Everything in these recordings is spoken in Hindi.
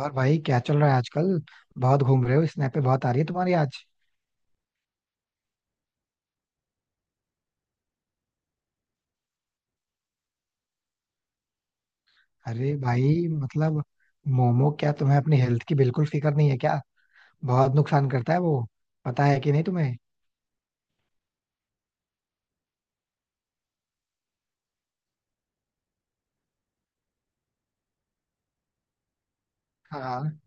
और भाई, क्या चल रहा है आजकल? बहुत घूम रहे हो, स्नैप पे बहुत आ रही है तुम्हारी आज. अरे भाई, मतलब मोमो क्या तुम्हें अपनी हेल्थ की बिल्कुल फिक्र नहीं है क्या? बहुत नुकसान करता है वो. पता है कि नहीं तुम्हें? हाँ.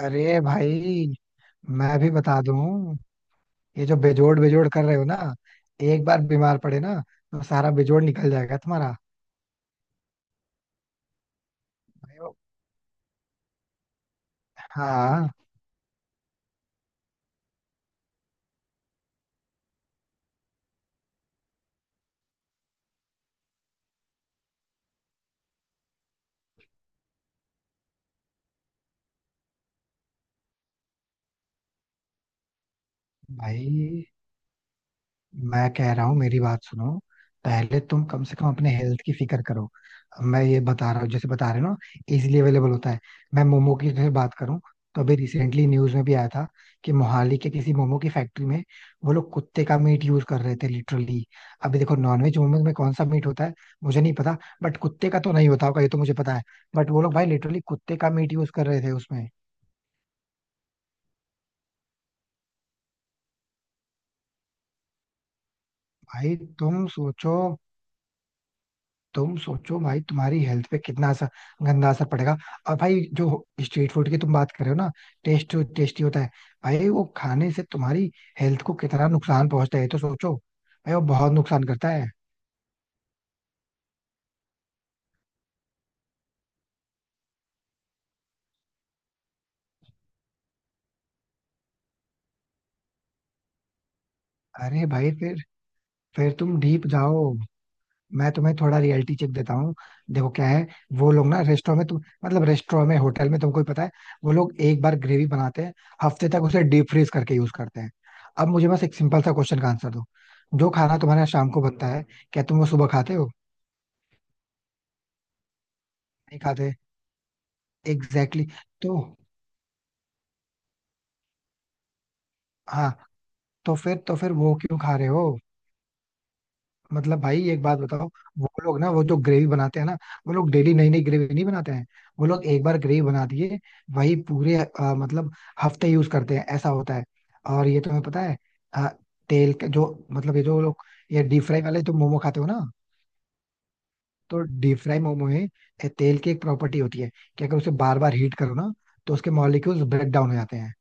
अरे भाई, मैं भी बता दूं, ये जो बेजोड़ बेजोड़ कर रहे हो ना, एक बार बीमार पड़े ना, तो सारा बेजोड़ निकल जाएगा तुम्हारा. हाँ भाई, मैं कह रहा हूँ, मेरी बात सुनो. पहले तुम कम से कम अपने हेल्थ की फिक्र करो. अब मैं ये बता रहा हूँ, जैसे बता रहे हो ना, इजीली अवेलेबल होता है. मैं मोमो की अगर बात करूँ, तो अभी रिसेंटली न्यूज में भी आया था कि मोहाली के किसी मोमो की फैक्ट्री में वो लोग कुत्ते का मीट यूज कर रहे थे, लिटरली. अभी देखो, नॉनवेज मोमो में कौन सा मीट होता है मुझे नहीं पता, बट कुत्ते का तो नहीं होता होगा ये तो मुझे पता है. बट वो लोग भाई लिटरली कुत्ते का मीट यूज कर रहे थे उसमें. भाई तुम सोचो, तुम सोचो भाई, तुम्हारी हेल्थ पे कितना असर, गंदा असर पड़ेगा. और भाई, जो स्ट्रीट फूड की तुम बात कर रहे हो ना, टेस्ट, टेस्टी होता है, भाई वो खाने से तुम्हारी हेल्थ को कितना नुकसान पहुंचता है ये तो सोचो. भाई वो बहुत नुकसान करता है. अरे भाई फिर तुम डीप जाओ. मैं तुम्हें थोड़ा रियलिटी चेक देता हूँ. देखो क्या है. वो लोग ना रेस्टोरेंट में, तुम मतलब रेस्टोरेंट में, होटल में तुमको ही पता है, वो लोग एक बार ग्रेवी बनाते हैं, हफ्ते तक उसे डीप फ्रीज करके यूज करते हैं. अब मुझे बस एक सिंपल सा क्वेश्चन का आंसर दो. जो खाना तुम्हारे यहाँ शाम को बनता है, क्या तुम वो सुबह खाते हो? नहीं खाते. Exactly exactly. तो हाँ, तो फिर वो क्यों खा रहे हो? मतलब भाई एक बात बताओ, वो लोग ना, वो जो ग्रेवी बनाते हैं ना, वो लोग डेली नई नई ग्रेवी नहीं बनाते हैं. वो लोग एक बार ग्रेवी बना दिए, वही पूरे मतलब हफ्ते यूज करते हैं, ऐसा होता है. और ये तुम्हें पता है, अ, तेल के जो, मतलब ये जो लोग, ये डीप फ्राई वाले जो मोमो खाते हो ना, तो डीप फ्राई मोमो में, तेल की एक प्रॉपर्टी होती है कि अगर उसे बार बार हीट करो ना, तो उसके मॉलिक्यूल्स ब्रेक डाउन हो जाते हैं.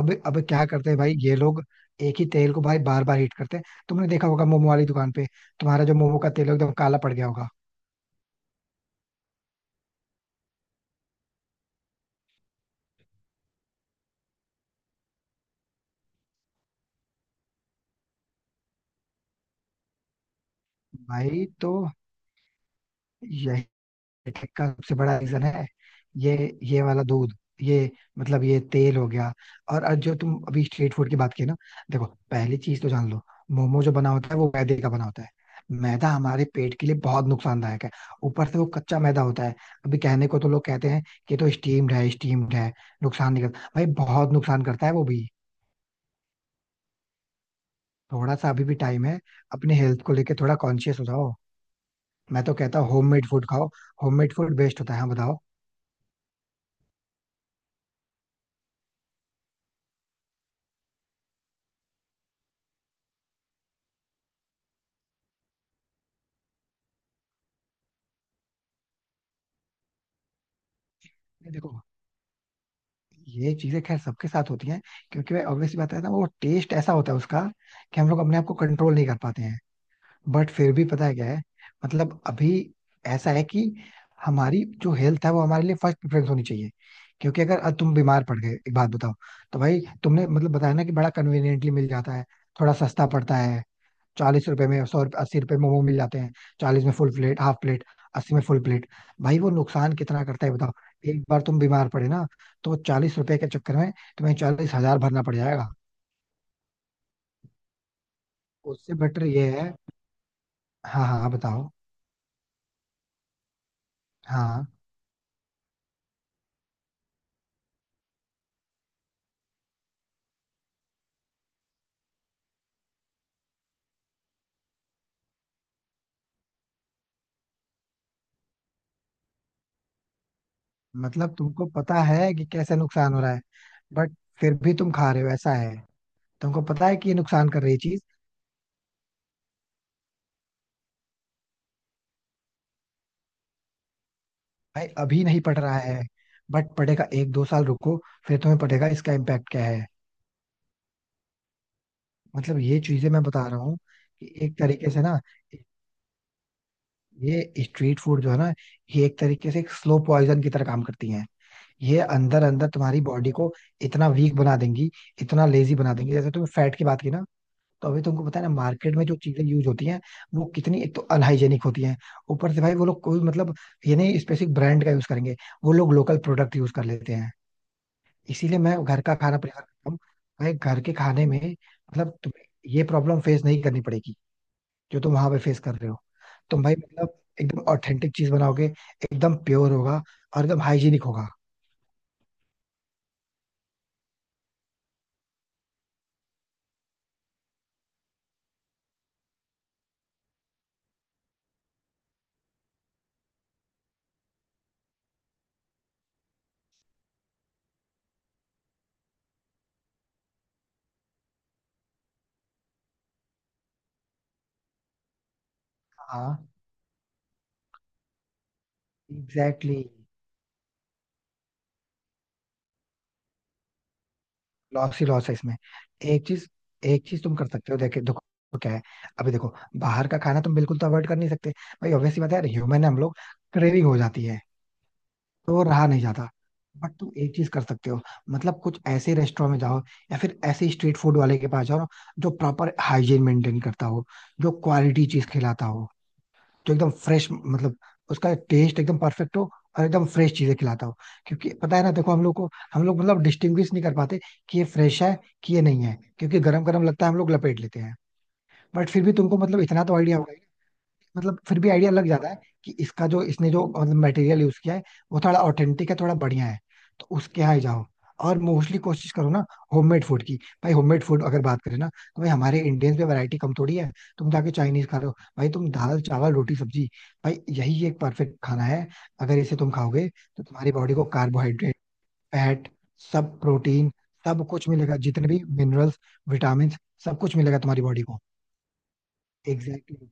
अब क्या करते हैं भाई ये लोग, एक ही तेल को भाई बार बार हीट करते हैं. तुमने देखा होगा मोमो वाली दुकान पे तुम्हारा जो मोमो का तेल है, एकदम काला पड़ गया होगा. भाई, तो टेक का सबसे बड़ा रीजन है ये ये वाला दूध ये मतलब ये तेल हो गया. और आज जो तुम अभी स्ट्रीट फूड की बात की ना, देखो, पहली चीज तो जान लो, मोमो जो बना होता है वो मैदे का बना होता है. मैदा हमारे पेट के लिए बहुत नुकसानदायक है. ऊपर से वो कच्चा मैदा होता है. अभी कहने को तो लोग कहते हैं कि तो स्टीम्ड है, स्टीम्ड है, नुकसान नहीं करता. भाई, बहुत नुकसान करता है वो भी. थोड़ा सा अभी भी टाइम है, अपने हेल्थ को लेके थोड़ा कॉन्शियस हो जाओ. मैं तो कहता हूँ होममेड फूड खाओ, होममेड फूड बेस्ट होता है. हाँ, बताओ. देखो, ये चीजें खैर सबके साथ होती हैं, क्योंकि भाई ऑब्वियसली बात है ना, वो टेस्ट ऐसा होता है उसका कि हम लोग अपने आप को कंट्रोल नहीं कर पाते हैं. बट फिर भी पता है क्या है, मतलब अभी ऐसा है कि हमारी जो हेल्थ है वो हमारे लिए फर्स्ट प्रेफरेंस होनी चाहिए. क्योंकि अगर आज तुम बीमार पड़ गए, एक बात बताओ, तो भाई तुमने मतलब बताया ना कि बड़ा कन्वीनियंटली मिल जाता है, थोड़ा सस्ता पड़ता है. 40 रुपए में 100 रुपये, 80 रुपए मोमो मिल जाते हैं, 40 में फुल प्लेट, हाफ प्लेट, 80 में फुल प्लेट. भाई वो नुकसान कितना करता है बताओ. एक बार तुम बीमार पड़े ना, तो 40 रुपए के चक्कर में तुम्हें 40 हजार भरना पड़ जाएगा. उससे बेटर ये है. हाँ हाँ हाँ, बताओ. हाँ. मतलब तुमको पता है कि कैसे नुकसान हो रहा है, बट फिर भी तुम खा रहे हो, ऐसा है? तुमको पता है कि ये नुकसान कर रही चीज. भाई अभी नहीं पड़ रहा है, बट पड़ेगा, एक दो साल रुको, फिर तुम्हें पड़ेगा इसका इम्पैक्ट क्या है. मतलब ये चीजें मैं बता रहा हूँ कि एक तरीके से ना, ये स्ट्रीट फूड जो है ना, ये एक तरीके से एक स्लो पॉइजन की तरह काम करती हैं. ये अंदर अंदर तुम्हारी बॉडी को इतना वीक बना देंगी, इतना लेजी बना देंगी, जैसे तुमने फैट की बात की ना, तो अभी तुमको पता है ना, मार्केट में जो चीजें यूज होती हैं, वो कितनी एक तो अनहाइजेनिक होती हैं. ऊपर से भाई वो लोग कोई मतलब ये नहीं स्पेसिफिक ब्रांड का यूज करेंगे, वो लोग लोकल प्रोडक्ट यूज कर लेते हैं. इसीलिए मैं घर का खाना प्रेफर करता हूँ. भाई घर के खाने में मतलब तुम्हें ये प्रॉब्लम फेस नहीं करनी पड़ेगी, जो तुम वहां पे फेस कर रहे हो. तुम भाई मतलब एकदम ऑथेंटिक चीज बनाओगे, एकदम प्योर होगा, और एकदम हाइजीनिक होगा. हाँ, एग्जैक्टली, लॉस ही लॉस है इसमें. एक चीज, एक चीज तुम कर सकते हो. देखे देखो क्या है, अभी देखो, बाहर का खाना तुम बिल्कुल तो अवॉइड कर नहीं सकते, भाई ऑब्वियसली बात है यार, ह्यूमन है हम लोग, क्रेविंग हो जाती है, तो रहा नहीं जाता. बट तुम एक चीज कर सकते हो, मतलब कुछ ऐसे रेस्टोरेंट में जाओ, या फिर ऐसे स्ट्रीट फूड वाले के पास जाओ ना, जो प्रॉपर हाइजीन मेंटेन करता हो, जो क्वालिटी चीज खिलाता हो, जो एकदम फ्रेश, मतलब उसका टेस्ट एकदम परफेक्ट हो, और एकदम फ्रेश चीजें खिलाता हो. क्योंकि पता है ना, देखो, हम लोग मतलब डिस्टिंग्विश नहीं कर पाते कि ये फ्रेश है कि ये नहीं है, क्योंकि गरम गरम लगता है हम लोग लपेट लेते हैं. बट फिर भी तुमको मतलब इतना तो आइडिया होगा, मतलब फिर भी आइडिया लग जाता है कि इसका जो, इसने जो मतलब मटेरियल यूज किया है, वो थोड़ा ऑथेंटिक है, थोड़ा बढ़िया है, तो उसके यहाँ ही जाओ. और मोस्टली कोशिश करो ना होममेड फूड की. भाई होममेड फूड अगर बात करें ना, तो भाई हमारे इंडियंस में वैरायटी कम थोड़ी है. तुम जाके चाइनीज खा रहे हो? भाई तुम दाल चावल रोटी सब्जी, भाई यही एक परफेक्ट खाना है. अगर इसे तुम खाओगे तो तुम्हारी बॉडी को कार्बोहाइड्रेट, फैट, सब, प्रोटीन, सब कुछ मिलेगा, जितने भी मिनरल्स, विटामिन, सब कुछ मिलेगा तुम्हारी बॉडी को. Exactly exactly.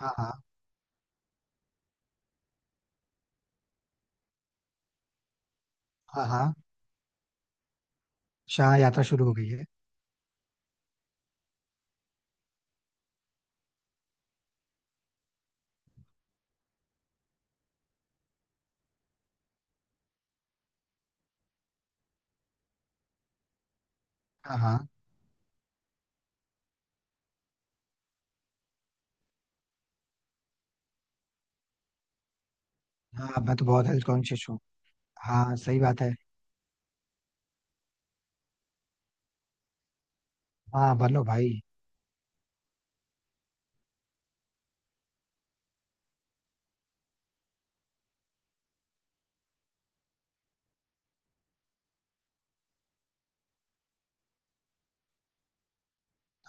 हाँ हाँ हाँ. हाँ, शाह यात्रा शुरू हो गई है. हाँ हाँ. हाँ, मैं तो बहुत हेल्थ कॉन्शियस हूँ. हाँ, सही बात है. हाँ, बनो भाई.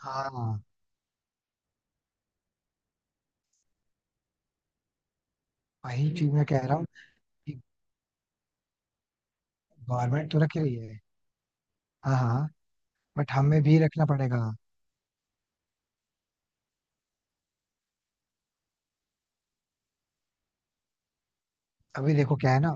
हाँ. वही चीज मैं कह रहा हूँ कि गवर्नमेंट तो रख रही है. हाँ हाँ, बट हमें भी रखना पड़ेगा. अभी देखो क्या है ना,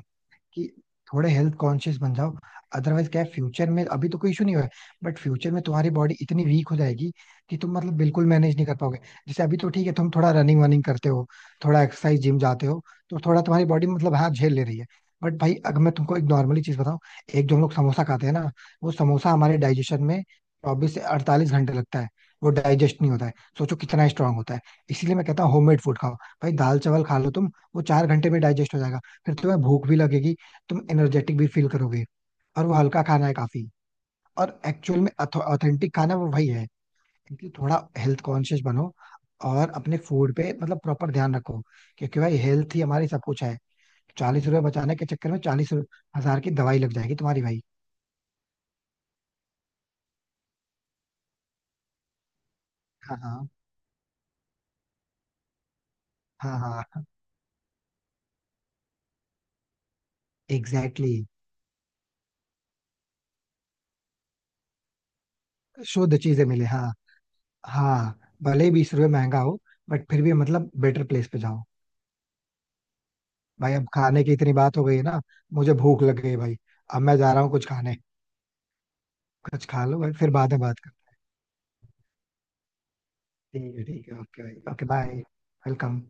कि थोड़े हेल्थ कॉन्शियस बन जाओ. अदरवाइज क्या है, फ्यूचर में, अभी तो कोई इशू नहीं हुआ है, बट फ्यूचर में तुम्हारी बॉडी इतनी वीक हो जाएगी कि तुम मतलब बिल्कुल मैनेज नहीं कर पाओगे. जैसे अभी तो ठीक है, तुम थोड़ा रनिंग वनिंग करते हो, थोड़ा एक्सरसाइज, जिम जाते हो, तो थोड़ा तुम्हारी बॉडी मतलब, हाँ, झेल ले रही है. बट भाई अगर मैं तुमको एक नॉर्मली चीज बताऊं, एक जो हम लोग समोसा खाते हैं ना, वो समोसा हमारे डाइजेशन में 24 से 48 घंटे लगता है, वो डाइजेस्ट नहीं होता है, सोचो कितना स्ट्रांग होता है. इसीलिए मैं कहता हूँ होममेड फूड खाओ. भाई दाल चावल खा लो तुम, वो 4 घंटे में डाइजेस्ट हो जाएगा, फिर तुम्हें भूख भी लगेगी, तुम एनर्जेटिक भी फील करोगे, और वो हल्का खाना है काफी. और एक्चुअल में ऑथेंटिक खाना वो वही है. इसलिए थोड़ा हेल्थ कॉन्शियस बनो, और अपने फूड पे मतलब प्रॉपर ध्यान रखो, क्योंकि भाई हेल्थ ही हमारी सब कुछ है. 40 रुपए बचाने के चक्कर में 40 हजार की दवाई लग जाएगी तुम्हारी भाई. हाँ हाँ हाँ. हाँ, एग्जैक्टली exactly. शुद्ध चीजें मिले, हाँ. हाँ, भले ही 20 रुपए महंगा हो, बट फिर भी मतलब बेटर प्लेस पे जाओ. भाई अब खाने की इतनी बात हो गई है ना, मुझे भूख लग गई है भाई. अब मैं जा रहा हूँ कुछ खाने. कुछ खा लो भाई, फिर बाद में बात करते हैं. ठीक है, ठीक है, ओके भाई, ओके, बाय. वेलकम.